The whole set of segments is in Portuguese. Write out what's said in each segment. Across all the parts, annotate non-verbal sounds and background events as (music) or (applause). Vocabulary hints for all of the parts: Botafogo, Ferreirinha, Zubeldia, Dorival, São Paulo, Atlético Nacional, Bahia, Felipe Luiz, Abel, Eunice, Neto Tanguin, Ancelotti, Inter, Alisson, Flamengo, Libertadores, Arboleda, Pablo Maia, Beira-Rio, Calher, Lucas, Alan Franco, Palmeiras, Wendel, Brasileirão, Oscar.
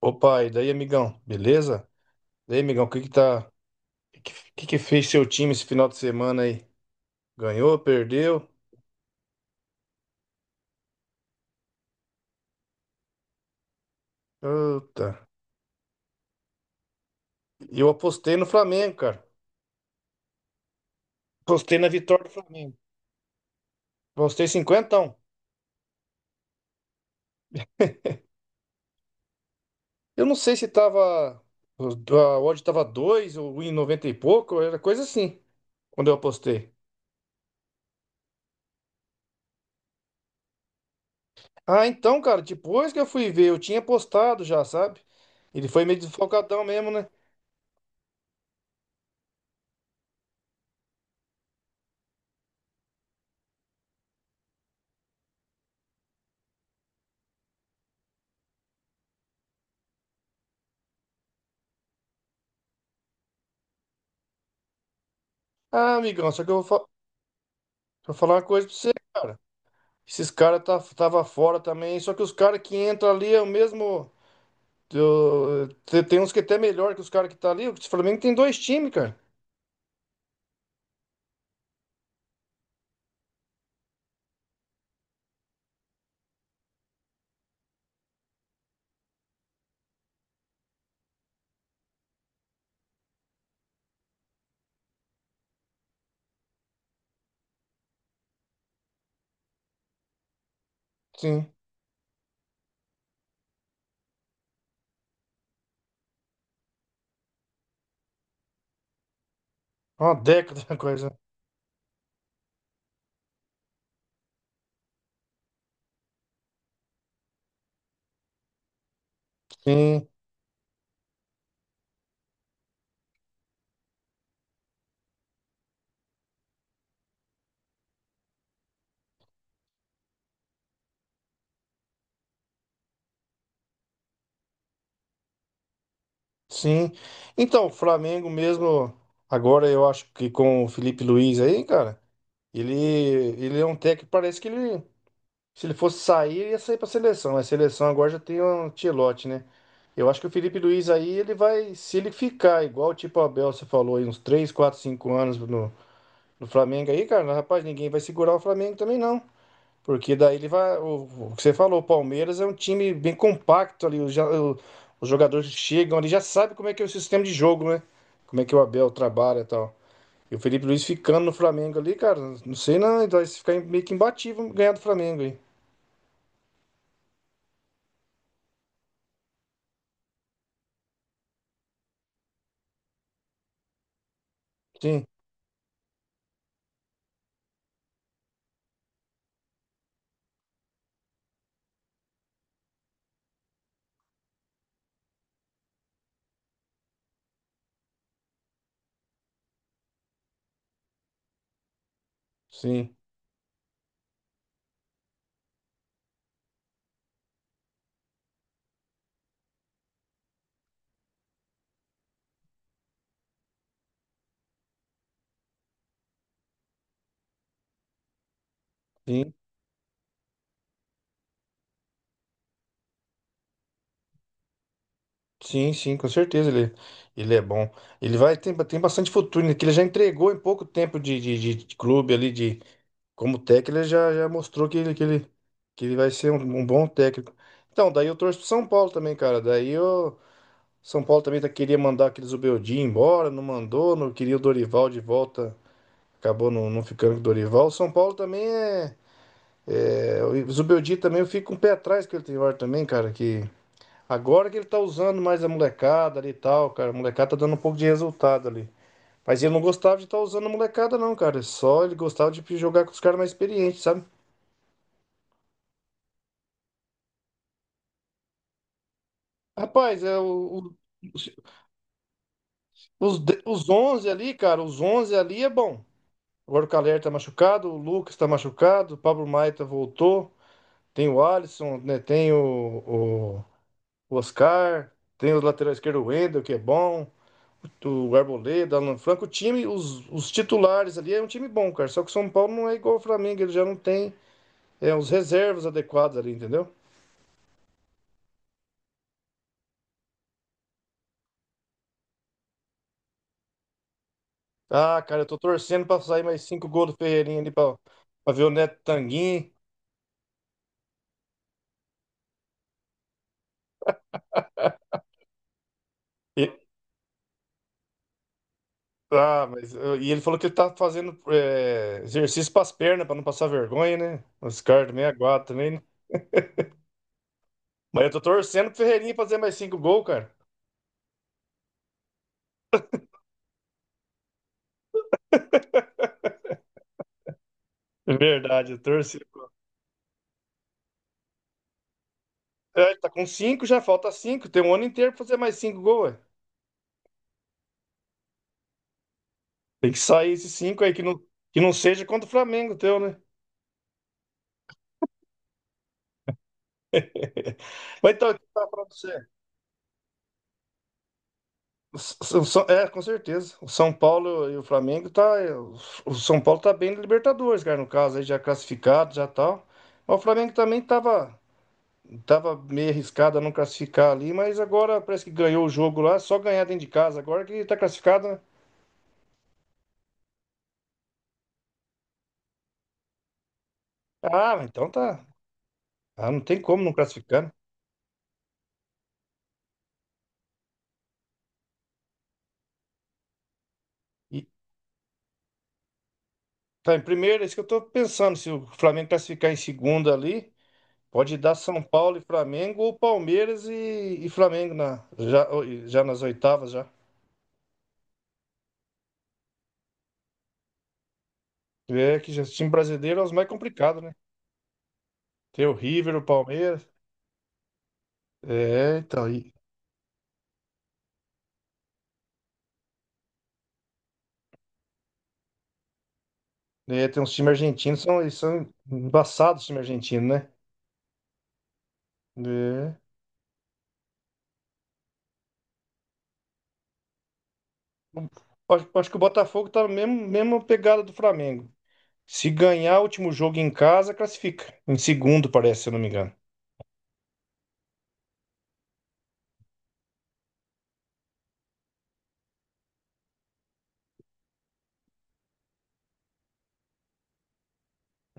Opa, e daí, amigão? Beleza? E aí, amigão, o que que tá. O que que fez seu time esse final de semana aí? Ganhou, perdeu? Puta. Eu apostei no Flamengo, cara. Apostei na vitória do Flamengo. Apostei 50. Eu não sei se tava. A odd tava 2 ou em 90 e pouco, era coisa assim, quando eu apostei. Ah, então, cara, depois que eu fui ver, eu tinha apostado já, sabe? Ele foi meio desfalcadão mesmo, né? Ah, amigão, só que eu vou falar uma coisa pra você. Esses caras tava fora também. Só que os caras que entram ali é o mesmo. Tem uns que é até melhor que os caras que tá ali. O Flamengo tem dois times, cara. Sim. É uma década (laughs) coisa. Sim, sim. Então, o Flamengo mesmo, agora eu acho que com o Felipe Luiz aí, cara, ele é um técnico, que parece que ele. Se ele fosse sair, ele ia sair para seleção. A seleção agora já tem um Ancelotti, né? Eu acho que o Felipe Luiz aí, ele vai, se ele ficar igual tipo o Abel, você falou, aí uns 3 4 5 anos no Flamengo aí, cara, rapaz, ninguém vai segurar o Flamengo também não. Porque daí ele vai, o que você falou, o Palmeiras é um time bem compacto ali, os jogadores chegam ali, já sabe como é que é o sistema de jogo, né? Como é que o Abel trabalha e tal. E o Felipe Luiz ficando no Flamengo ali, cara, não sei não, ele vai ficar meio que imbatível ganhar do Flamengo aí. Sim. Sim, sim, sim, sim, com certeza ele, ele é bom. Ele tem bastante futuro, né? Que ele já entregou em pouco tempo de clube ali, de como técnico, ele já mostrou que ele vai ser um bom técnico. Então, daí eu torço pro São Paulo também, cara. Daí eu, São Paulo também tá, queria mandar aqueles Zubeldia embora, não mandou, não queria o Dorival de volta, acabou não ficando com o Dorival. O São Paulo também é o Zubeldia também eu fico com o pé atrás que ele tem agora também, cara, que agora que ele tá usando mais a molecada ali e tal, cara. A molecada tá dando um pouco de resultado ali. Mas ele não gostava de estar usando a molecada, não, cara. Só ele gostava de jogar com os caras mais experientes, sabe? Rapaz, é os, os 11 ali, cara, os 11 ali é bom. Agora o Calher tá machucado, o Lucas tá machucado, o Pablo Maia voltou. Tem o Alisson, né? Tem o Oscar, tem o lateral esquerdo, o Wendel, que é bom. Do Arboleda, Alan Franco, o time, os titulares ali é um time bom, cara. Só que o São Paulo não é igual ao Flamengo, ele já não tem os reservas adequados ali, entendeu? Ah, cara, eu tô torcendo pra sair mais cinco gols do Ferreirinha ali pra ver o Neto Tanguin. E, ah, mas e ele falou que ele tá fazendo exercício pras pernas pra não passar vergonha, né? Os caras também aguardam também, né? Mas eu tô torcendo pro Ferreirinha fazer mais cinco gols, cara. É verdade, eu torci. É, ele tá com cinco, já falta cinco. Tem um ano inteiro pra fazer mais cinco gols, ué. Tem que sair esses cinco aí, que não seja contra o Flamengo teu, né? Mas então, eu tava falando pra você. O S- o São- é, Com certeza. O São Paulo e o Flamengo tá. O São Paulo tá bem na Libertadores, cara, no caso, aí já classificado, já tal. Mas o Flamengo também tava meio arriscado a não classificar ali, mas agora parece que ganhou o jogo lá, só ganhar dentro de casa agora que tá classificado, né? Ah, então tá. Ah, não tem como não classificar, né? E tá em primeiro, é isso que eu tô pensando, se o Flamengo classificar em segundo ali. Pode dar São Paulo e Flamengo ou Palmeiras e Flamengo já nas oitavas já. É que já, o time brasileiro é os mais complicados, né? Tem o River, o Palmeiras. É, então. Tem uns times argentinos, eles são embaçados os times argentinos, né? É. Acho que o Botafogo tá na mesma pegada do Flamengo. Se ganhar o último jogo em casa, classifica. Em segundo, parece, se eu não me engano.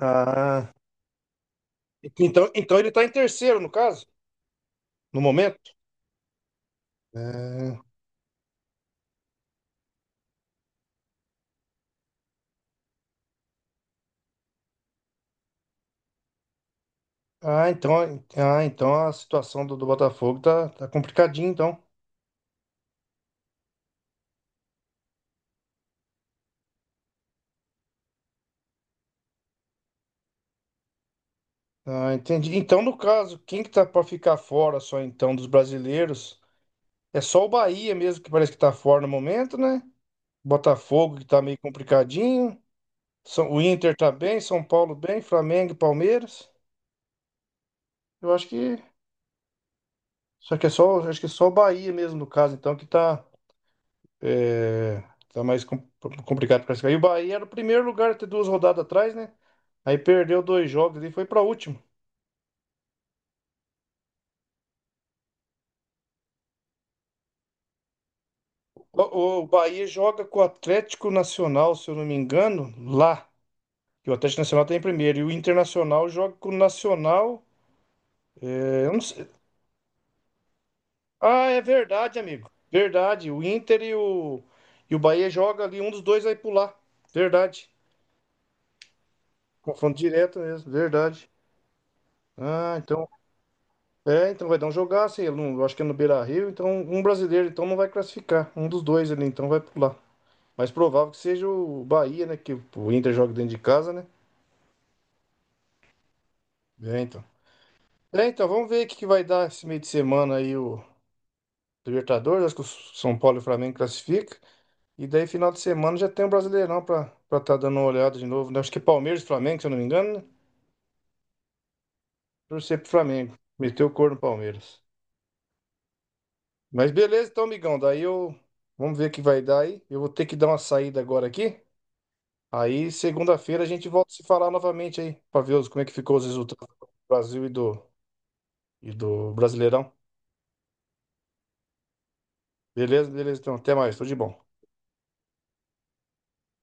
Ah. Então ele tá em terceiro, no caso, no momento. É. Ah, então a situação do Botafogo tá complicadinha, então. Ah, entendi. Então, no caso, quem que tá pra ficar fora só então dos brasileiros? É só o Bahia mesmo que parece que tá fora no momento, né? Botafogo que tá meio complicadinho. O Inter tá bem, São Paulo bem, Flamengo e Palmeiras. Eu acho que só que é só, acho que é só o Bahia mesmo no caso, então que é, tá mais complicado para classificar. E o Bahia era o primeiro lugar até duas rodadas atrás, né? Aí perdeu dois jogos e foi pra último. O Bahia joga com o Atlético Nacional, se eu não me engano, lá. E o Atlético Nacional tá em primeiro. E o Internacional joga com o Nacional. Eu não sei. Ah, é verdade, amigo. Verdade. O Inter e o Bahia joga ali. Um dos dois vai pular. Verdade. Confronto direto mesmo. Verdade. Ah, então. É, então vai dar um jogaço aí. Eu acho que é no Beira-Rio. Então, um brasileiro então não vai classificar. Um dos dois ali, então vai pular. Mas provável que seja o Bahia, né? Que o Inter joga dentro de casa, né? É, então. É, então, vamos ver o que que vai dar esse meio de semana aí o Libertadores. Acho que o São Paulo e o Flamengo classificam. E daí, final de semana, já tem o Brasileirão pra estar tá dando uma olhada de novo, né? Acho que é Palmeiras e Flamengo, se eu não me engano, né? Torcer pro Flamengo. Meteu o corno no Palmeiras. Mas beleza, então, amigão. Daí eu. Vamos ver o que vai dar aí. Eu vou ter que dar uma saída agora aqui. Aí, segunda-feira, a gente volta a se falar novamente aí, pra ver como é que ficou os resultados do Brasil e e do Brasileirão. Beleza, beleza, então. Até mais. Tudo de bom.